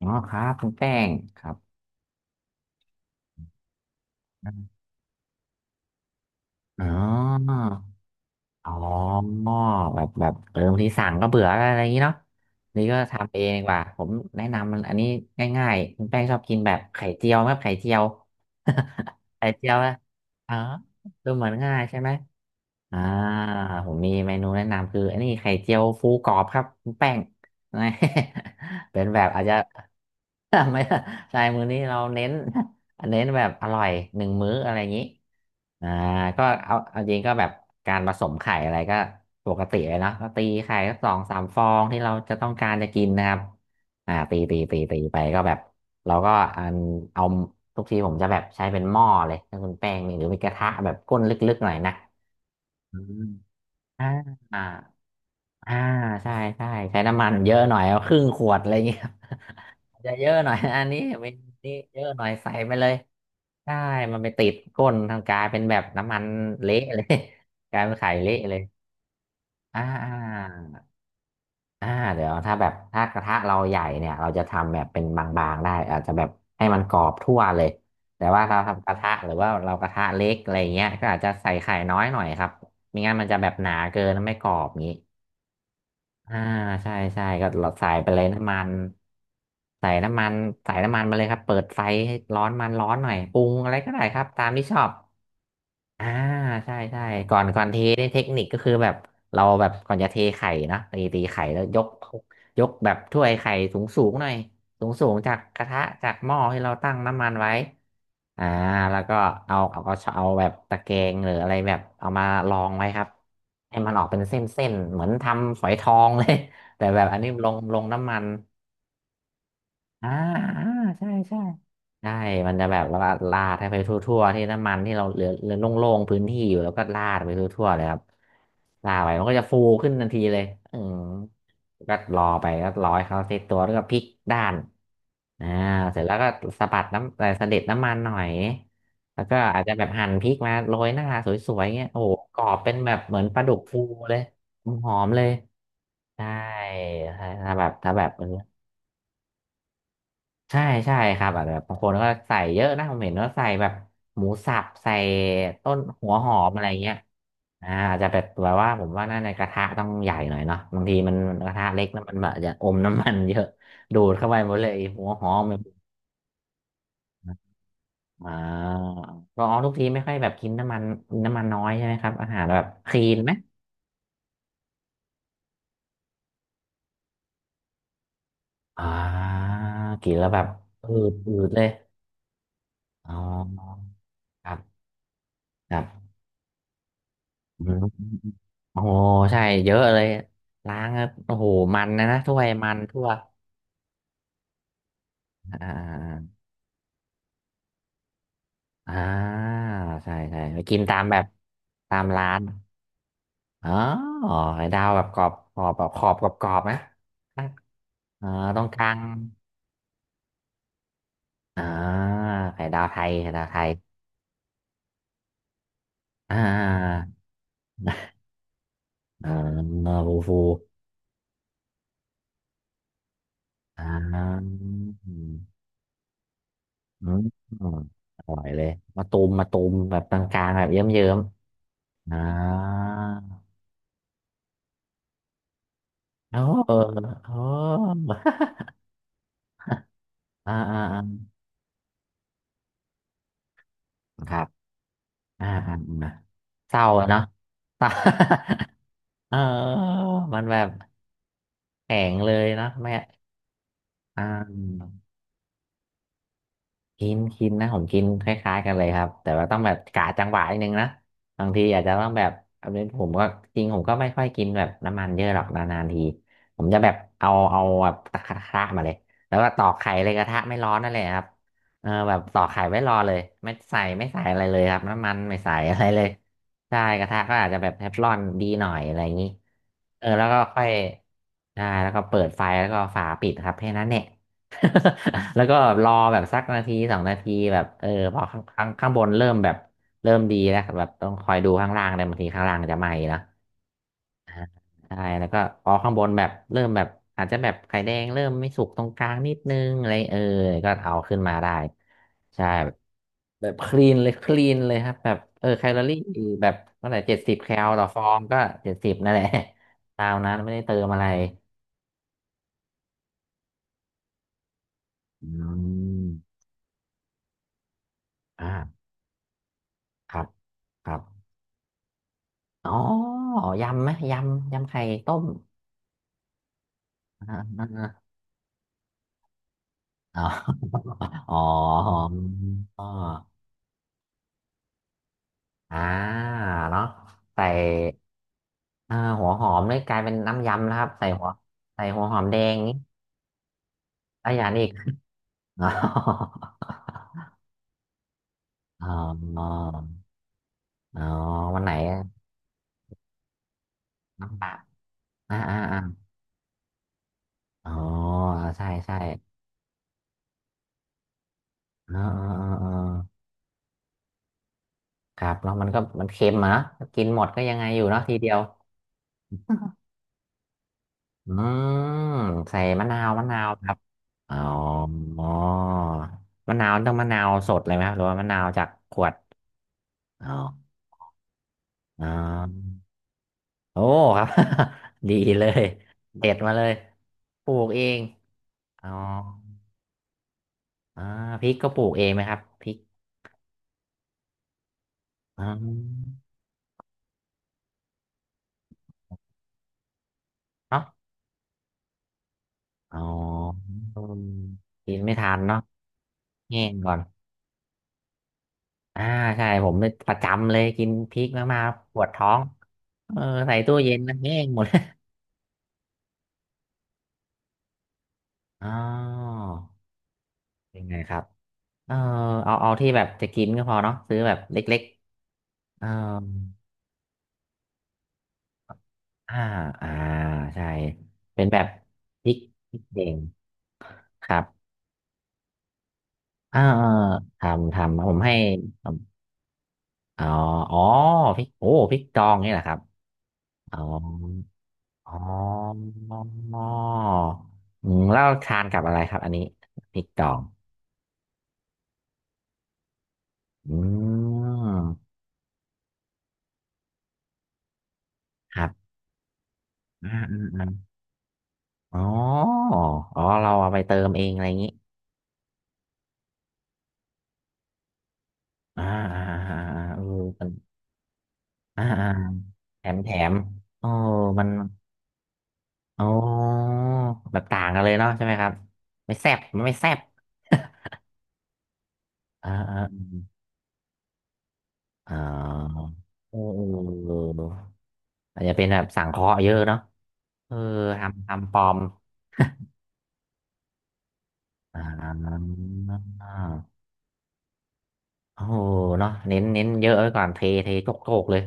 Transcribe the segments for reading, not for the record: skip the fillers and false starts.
อ๋อครับคุณแป้งครับอ๋ออ๋อแบบบางทีสั่งก็เบื่ออะไรอย่างนี้เนาะนี่ก็ทำเองดีกว่าผมแนะนำมันอันนี้ง่ายๆคุณแป้งชอบกินแบบไข่เจียวไหมไข่เจียว ไข่เจียวนะอ๋อดูเหมือนง่ายใช่ไหมอ่าผมมีเมนูแนะนำคืออันนี้ไข่เจียวฟูกรอบครับคุณแป้งนะ เป็นแบบอาจจะ ไม่ใช่ มื้อนี้เราเน้น เน้นแบบอร่อยหนึ่งมื้ออะไรอย่างนี้ อ่าก็เอาจริงก็แบบการผสมไข่อะไรก็ปกติเลยเนาะก็ตีไข่สักสองสามฟองที่เราจะต้องการจะกินนะครับตีไปก็แบบเราก็อันเอาทุกทีผมจะแบบใช้เป็นหม้อเลยถ้าคุณแป้งนี่หรือเป็นกระทะแบบก้นลึกๆหน่อยนะอืมอ่า อ่าใช่ใช้น้ำมันเยอะหน่อยเอาครึ่งขวดอะไรเงี้ย อาจจะเยอะหน่อย อันนี้เมนูนี้เยอะหน่อยใส่ไปเลยใช่มันไปติดก้นทางกลายเป็นแบบน้ำมันเละเลย กลายเป็นไข่เละเลยอ่าอ่าอ่าเดี๋ยวถ้าแบบถ้ากระทะเราใหญ่เนี่ยเราจะทำแบบเป็นบางๆได้อาจจะแบบให้มันกรอบทั่วเลยแต่ว่าเราทำกระทะหรือว่าเรากระทะเล็กอะไรเงี้ยก็อาจจะใส่ไข่น้อยหน่อยครับไม่งั้นมันจะแบบหนาเกินแล้วไม่กรอบงี้ อ่าใช่ก็เราใส่ไปเลยน้ำมันใส่น้ำมันใส่น้ำมันมาเลยครับเปิดไฟให้ร้อนมันร้อนหน่อยปรุงอะไรก็ได้ครับตามที่ชอบอ่าใช่ก่อนเทนี่เทคนิคก็คือแบบเราแบบก่อนจะเทไข่นะตีไข่แล้วยกยกแบบถ้วยไข่สูงสูงหน่อยสูงสูงจากกระทะจากหม้อที่เราตั้งน้ำมันไว้ อ่าแล้วก็เอาก็เอาแบบตะแกรงหรืออะไรแบบเอามารองไว้ครับให้มันออกเป็นเส้นๆเหมือนทำฝอยทองเลย แต่แบบอันนี้ลงน้ำมัน อ่าอ่าใช่ใช่ใช่มันจะแบบว่าลาดให้ไปทั่วๆที่น้ำมันที่เราเหลือโล่งๆพื้นที่อยู่แล้วก็ลาดไปทั่วๆเลยครับลาดไปมันก็จะฟูขึ้นทันทีเลยอืมก็รอไปก็รอให้เขาเซตตัวแล้วก็พลิกด้านอ่าเสร็จแล้วก็สะบัดน้ำสะเด็ดน้ำมันหน่อยแล้วก็อาจจะแบบหั่นพริกมาโรยหน้าสวยๆเงี้ยโอ้โหกรอบเป็นแบบเหมือนปลาดุกฟูเลยหอมๆเลยใช่ถ้าแบบใช่ใช่ครับอาจจะแบบบางคนก็ใส่เยอะนะผมเห็นว่าใส่แบบหมูสับใส่ต้นหัวหอมอะไรเงี้ยอาจจะแบบว่าผมว่าน่าในกระทะต้องใหญ่หน่อยเนาะบางทีมันกระทะเล็กแล้วมันแบบอาจจะอมน้ำมันเยอะ ดูดเข้าไปหมดเลยหัวหอมแบบอ่าก็อ๋อทุกทีไม่ค่อยแบบกินน้ำมันน้ำมันน้อยใช่ไหมครับอาหารแบบคลีนไหมอ่ากินแล้วแบบอืดเลยอ๋อครับครับ อืมโอ้ใช่เยอะเลยล้างแล้วโอ้โหมันนะถ้วยมันทั่วอ่าอ่าใช่ไปกินตามแบบตามร้านอ๋อไข่ดาวแบบกรอบแบบขอบกรอบกรอบนะอ่าตรงกลางอ่าไข่ดาวไทยไข่ดาวไทยอ่าอ่าฟูฟูอ่าอืมอืมอร่อยเลยมาตูมมาตูมแบบกลางๆแบบเยิ้มๆอ๋อเอออ๋อ อ่าอ่าอ่าครับอ่าอ่าอ่าเศร้าอะเนาะ เศร้า เออมันแบบแข็งเลยเนอะแม่อ่า กินกินนะผมกินคล้ายๆกันเลยครับแต่ว่าต้องแบบกะจังหวะนิดนึงนะบางทีอาจจะต้องแบบอันนี้ผมก็จริงผมก็ไม่ค่อยกินแบบน้ำมันเยอะหรอกนานๆทีผมจะแบบเอาแบบตะกร้ามาเลยแล้วก็ตอกไข่เลยกระทะไม่ร้อนนั่นเลยครับเออแบบตอกไข่ไว้รอเลยไม่ใส่อะไรเลยครับน้ำมันไม่ใส่อะไรเลยใช่กระทะก็อาจจะแบบเทฟลอนดีหน่อยอะไรอย่างนี้เออแล้วก็ค่อยใช่แล้วก็เปิดไฟแล้วก็ฝาปิดครับแค่นั้นเนี่ย แล้วก็รอแบบสักนาทีสองนาทีแบบพอข้างบนเริ่มแบบเริ่มดีแล้วแบบต้องคอยดูข้างล่างเลยบางทีข้างล่างมันจะไหม้เนอะใช่แล้วก็พอข้างบนแบบเริ่มแบบอาจจะแบบไข่แดงเริ่มไม่สุกตรงกลางนิดนึงอะไรก็เอาขึ้นมาได้ใช่แบบแบบคลีนเลยคลีนเลยครับแบบแคลอรี่แบบเท่าไหร่เจ็ดสิบแคลต่อฟองก็เจ็ดสิบนั่นแหละ ตามนั้นไม่ได้เติมอะไรอืมอ่าครับครับ อ๋อยำไหมยำไข่ต้มอ่า อ๋ออ๋ออ๋ออ่าเนาะใส่อ่าหัวหอมเลยกลายเป็นน้ำยำนะครับ ใส่หัวใส่หัวหอมแดงนี่อะอย่างนี้อีก อ๋ออ๋ออ๋อวันไหน น้ำปลาอ่าอ๋อ ใช่ใช่อ๋อครับแล้วมันก็มันเค็มอะเนอะกินหมดก็ยังไงอยู่เนาะทีเดียว อืมใส่มะนาวครับอ๋ออมะนาวต้องมะนาวสดเลยไหมครับหรือว่ามะนาวจากขวดอ๋ออ๋อโอ้ครับ ดีเลยเด็ดมาเลยปลูกเองอ๋ออ่าพริกก็ปลูกเองไหมครับพริกอ๋อเนาะอ๋อกินไม่ทันเนาะแห้งก่อนอ่าใช่ผมเนี่ยประจำเลยกินพริกมากๆปวดท้องเออใส่ตู้เย็นนะแห้งหมด อ๋อยังไงครับเออเอาที่แบบจะกินก็พอเนาะซื้อแบบเล็กๆอ่าอ่าใช่เป็นแบบพริกพริกแดงครับอ่าทำผมให้อ๋ออ๋อพริกโอ้พริกดองนี่แหละครับอ๋ออ๋ออืมแล้วทานกับอะไรครับอันนี้พริกดองอืมครับอ่าอ๋ออ๋อเราเอาไปเติมเองอะไรอย่างนี้ อ่าอ่าอ่ามันอ่าอ่าแถมโอ้มันอ๋อแบบต่างกันเลยเนาะใช่ไหมครับไม่แซ่บมันไม่แซ่บอ่าอ่าอ่าเออเอออาจจะเป็นแบบสั่งเคราะห์เยอะเนาะเออทำปลอมอ่าโอ้โหเนาะเน้นเยอะไว้ก่อนเทโจกโจกเลย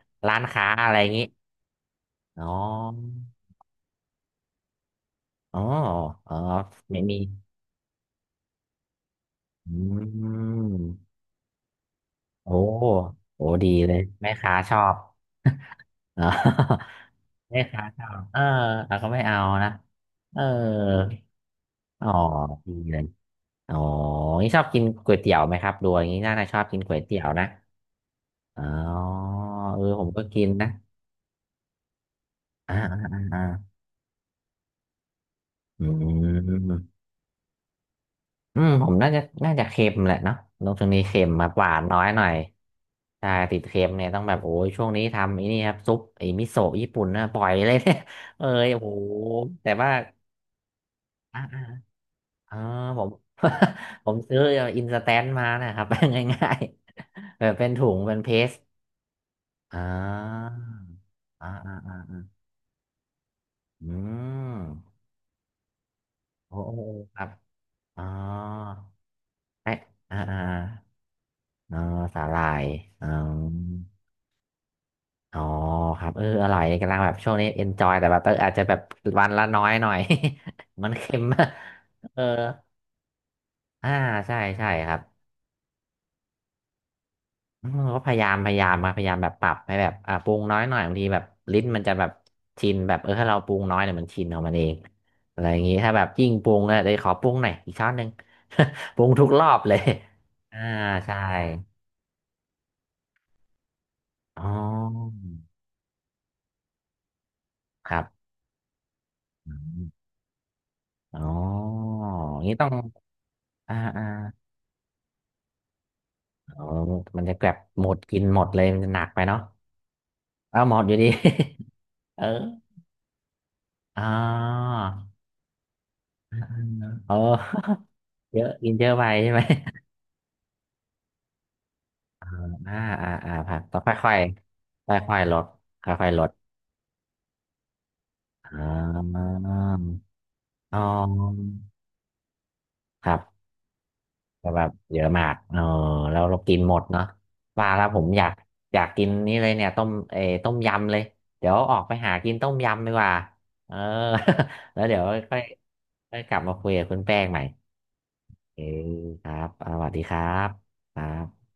ร้านค้าอะไรอย่างงี้อ๋ออ๋ออ๋อไม่มีอืม โอ้โอ้ดีเลยแม่ค้าชอบ อ๋อ แม่ค้าชอบเออเราก็ไม่เอานะเอออ๋อดีเลยอ๋อนี่ชอบกินก๋วยเตี๋ยวไหมครับดูอย่างนี้น่าจะชอบกินก๋วยเตี๋ยวนะอ๋อเออผมก็กินนะอ่าอืมอืมผมน่าจะเค็มแหละเนาะลงตรงนี้เค็มมาหวานน้อยหน่อย ใช่ติดเค็มเนี่ยต้องแบบโอ้ยช่วงนี้ทำไอ้นี่ครับซุปไอ้มิโซะญี่ปุ่นนะปล่อยเลยเนี่ย เอ้ยโอ้โหแต่ว่าอ่ะเออผม ผมซื้ออินสแตนต์มานะครับ ง่ายๆแบบเป็นถุงเป็นเพสอ่าอ่าอืมโอ้โอครับอ๋อไอะอ่าอ่าอ๋อสาหร่ายอ๋อ อ๋อครับอร่อยกำลังแบบช่วงนี้เอนจอยแต่แบบอาจจะแบบวันละน้อยหน่อย มันเค็ม มากเอออ่าใช่ใช่ครับอืมก็พยายามมาพยายามแบบปรับให้แบบอ่าปรุงน้อยหน่อยบางทีแบบลิ้นมันจะแบบชินแบบถ้าเราปรุงน้อยเนี่ยมันชินของมันเองอะไรอย่างงี้ถ้าแบบยิ่งปรุงเนี่ยเลยวขอปรุงหน่อยอีกช้อนหนึ่ง ปรุงทุกรอบเลย อ่าใช่อ๋อครับอมอ๋ออย่างนี้ต้องอ่าอ่า อ๋อมันจะแกลบหมดกินหมดเลยมันจะหนักไปเนาะเอาหมดอยู่ดี เอออ๋อเออ เยอะกินเยอะไปใช่ไหมอ่าอ่าผักต้องค่อยค่อยค่อยค่อยๆลด ค่อยค่อยๆลดอ่าอ๋อครับ ก็แบบเยอะมากเออแล้วเรากินหมดเนาะว่าแล้วผมอยากอยากกินนี่เลยเนี่ยต้มต้มยำเลย เดี๋ยวออกไปหากินต้มยำดีกว่า เออ แล้วเดี๋ยวค่อยค่อยกลับมาคุยกับคุณแป้งใหม่เออครับสวัสดีครับ ครับ